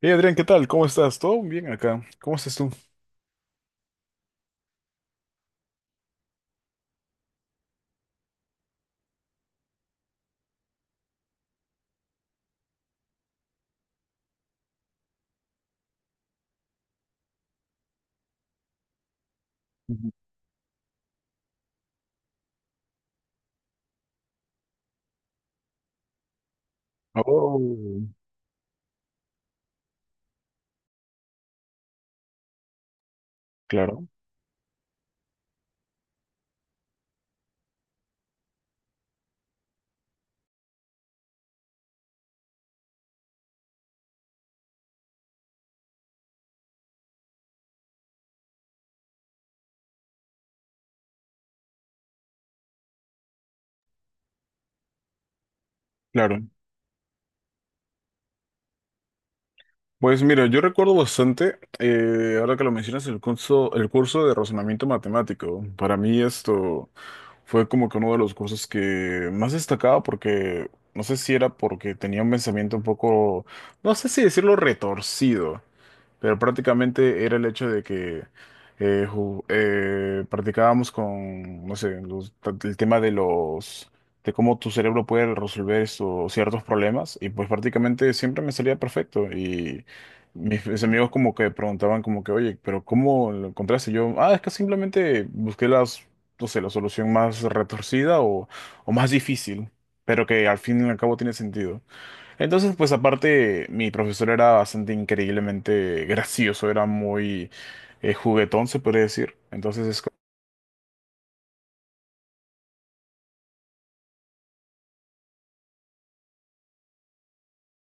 Hey Adrián, ¿qué tal? ¿Cómo estás? ¿Todo bien acá? ¿Cómo estás tú? Ujú. Oh, claro, claro. Pues mira, yo recuerdo bastante, ahora que lo mencionas, el curso de razonamiento matemático. Para mí esto fue como que uno de los cursos que más destacaba porque, no sé si era porque tenía un pensamiento un poco, no sé si decirlo retorcido, pero prácticamente era el hecho de que practicábamos con, no sé, el tema de los, de cómo tu cerebro puede resolver estos ciertos problemas y pues prácticamente siempre me salía perfecto y mis amigos como que preguntaban como que, oye, pero ¿cómo lo encontraste? Yo, ah, es que simplemente busqué las, no sé, la solución más retorcida o más difícil, pero que al fin y al cabo tiene sentido. Entonces, pues aparte, mi profesor era bastante increíblemente gracioso, era muy juguetón, se podría decir. Entonces es como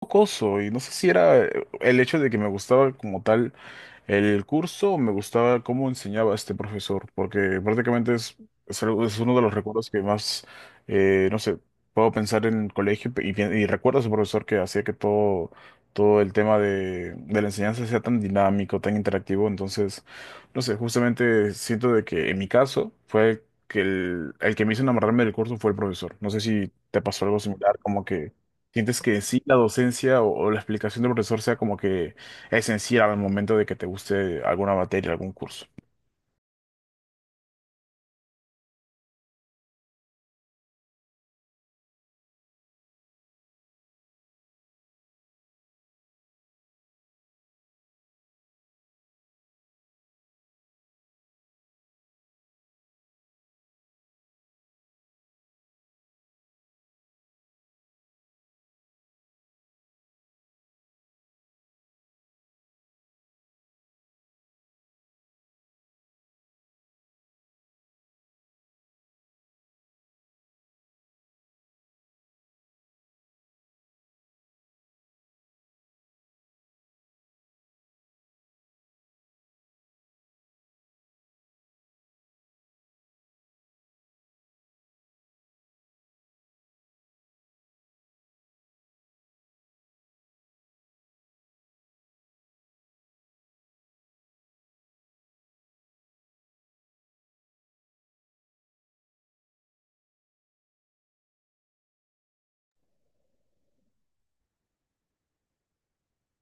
jocoso y no sé si era el hecho de que me gustaba como tal. El curso me gustaba cómo enseñaba este profesor, porque prácticamente es uno de los recuerdos que más, no sé, puedo pensar en el colegio y, y recuerdo a su profesor que hacía que todo el tema de la enseñanza sea tan dinámico, tan interactivo. Entonces, no sé, justamente siento de que en mi caso fue que el que me hizo enamorarme del curso fue el profesor. No sé si te pasó algo similar, como que sientes que sí, la docencia o la explicación del profesor sea como que esencial al momento de que te guste alguna materia, algún curso.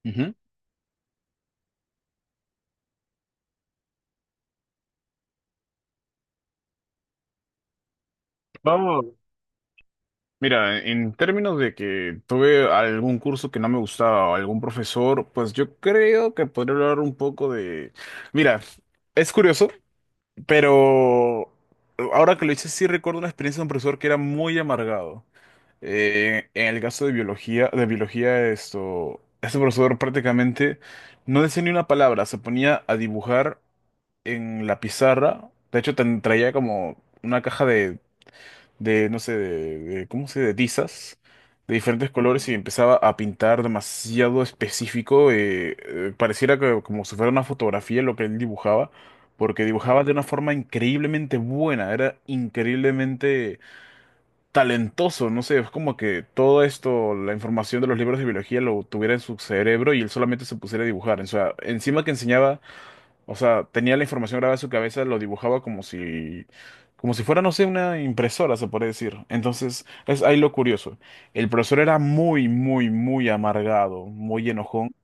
Ujú. Vamos, mira, en términos de que tuve algún curso que no me gustaba o algún profesor, pues yo creo que podría hablar un poco de. Mira, es curioso, pero ahora que lo hice sí recuerdo una experiencia de un profesor que era muy amargado. En el caso de biología, esto, este profesor prácticamente no decía ni una palabra, se ponía a dibujar en la pizarra. De hecho, traía como una caja de, no sé, ¿cómo se dice? De tizas de diferentes colores y empezaba a pintar demasiado específico. Pareciera que como si fuera una fotografía lo que él dibujaba, porque dibujaba de una forma increíblemente buena, era increíblemente talentoso, no sé, es como que todo esto, la información de los libros de biología lo tuviera en su cerebro y él solamente se pusiera a dibujar. O sea, encima que enseñaba, o sea, tenía la información grabada en su cabeza, lo dibujaba como si fuera, no sé, una impresora, se puede decir. Entonces, es ahí lo curioso. El profesor era muy, muy, muy amargado, muy enojón,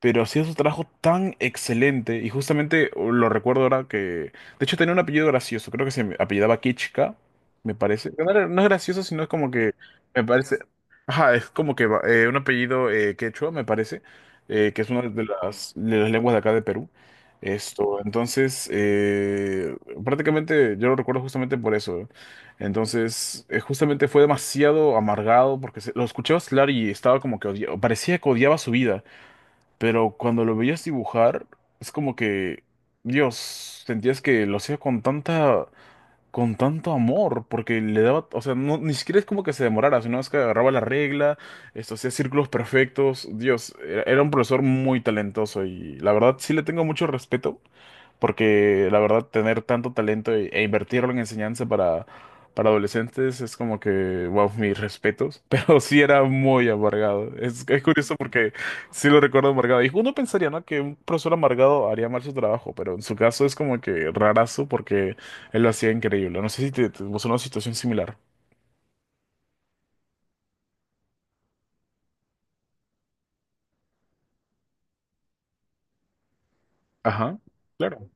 pero hacía su trabajo tan excelente y justamente, lo recuerdo ahora que, de hecho, tenía un apellido gracioso, creo que se me apellidaba Kichka, me parece. No, no es gracioso, sino es como que, me parece, ajá, es como que un apellido quechua, me parece, que es una de las lenguas de acá de Perú. Esto, entonces, prácticamente yo lo recuerdo justamente por eso. Entonces, justamente fue demasiado amargado porque lo escuchaba hablar y estaba como que parecía que odiaba su vida. Pero cuando lo veías dibujar, es como que, Dios, sentías que lo hacía con tanta, con tanto amor, porque le daba, o sea, no, ni siquiera es como que se demorara, sino es que agarraba la regla, esto hacía círculos perfectos. Dios, era un profesor muy talentoso y la verdad sí le tengo mucho respeto, porque la verdad, tener tanto talento e invertirlo en enseñanza para adolescentes es como que, wow, mis respetos. Pero sí era muy amargado. Es curioso porque sí lo recuerdo amargado. Y uno pensaría, ¿no? Que un profesor amargado haría mal su trabajo, pero en su caso es como que rarazo porque él lo hacía increíble. No sé si te pasó una situación similar. Ajá, claro.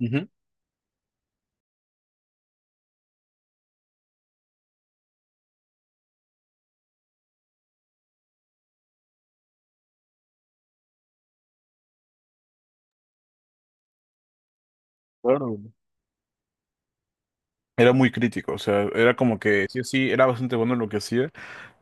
Ujú. Claro. Era muy crítico, o sea, era como que sí o sí, era bastante bueno en lo que hacía.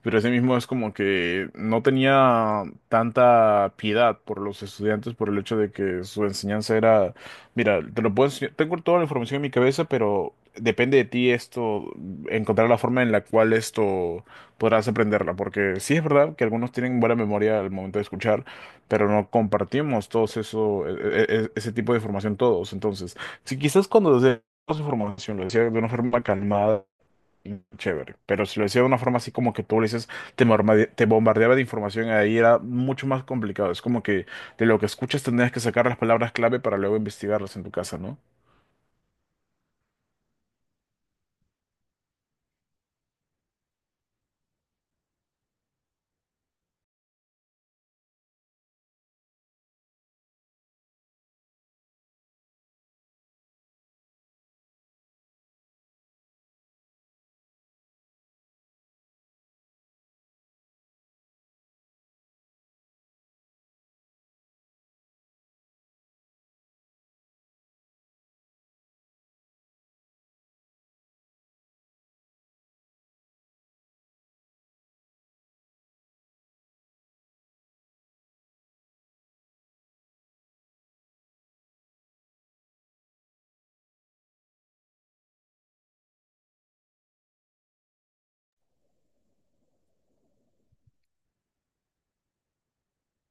Pero ese mismo es como que no tenía tanta piedad por los estudiantes por el hecho de que su enseñanza era, mira, te lo puedo enseñar, tengo toda la información en mi cabeza, pero depende de ti esto, encontrar la forma en la cual esto podrás aprenderla, porque sí es verdad que algunos tienen buena memoria al momento de escuchar, pero no compartimos todos eso, ese tipo de información todos. Entonces, si quizás cuando desde información lo decía de una forma calmada, chévere, pero si lo decía de una forma así como que tú le dices, te bombardeaba de información, ahí era mucho más complicado. Es como que de lo que escuchas tendrías que sacar las palabras clave para luego investigarlas en tu casa, ¿no?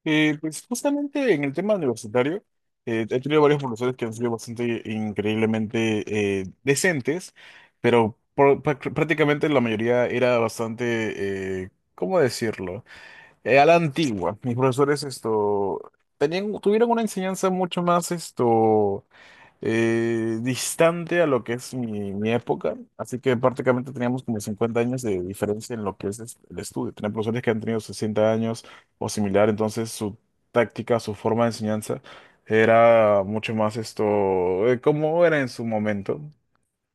Pues justamente en el tema universitario, he tenido varios profesores que han sido bastante increíblemente decentes, pero prácticamente la mayoría era bastante, ¿cómo decirlo? A la antigua. Mis profesores esto, tuvieron una enseñanza mucho más esto, distante a lo que es mi época, así que prácticamente teníamos como 50 años de diferencia en lo que el estudio. Tenía profesores que han tenido 60 años o similar, entonces su táctica, su forma de enseñanza era mucho más esto, como era en su momento.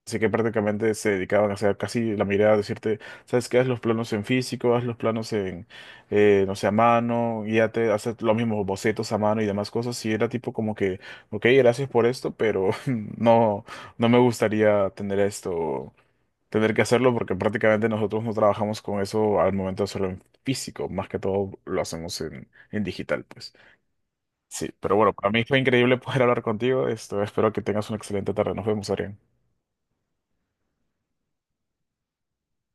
Así que prácticamente se dedicaban a hacer casi la mirada, decirte, ¿sabes qué? Haz los planos en físico, haz los planos en, no sé, a mano, y ya te haces los mismos bocetos a mano y demás cosas. Y era tipo como que, ok, gracias por esto, pero no, no me gustaría tener esto, tener que hacerlo, porque prácticamente nosotros no trabajamos con eso al momento de hacerlo en físico, más que todo lo hacemos en digital, pues. Sí, pero bueno, para mí fue increíble poder hablar contigo. Esto, espero que tengas una excelente tarde. Nos vemos, Arián.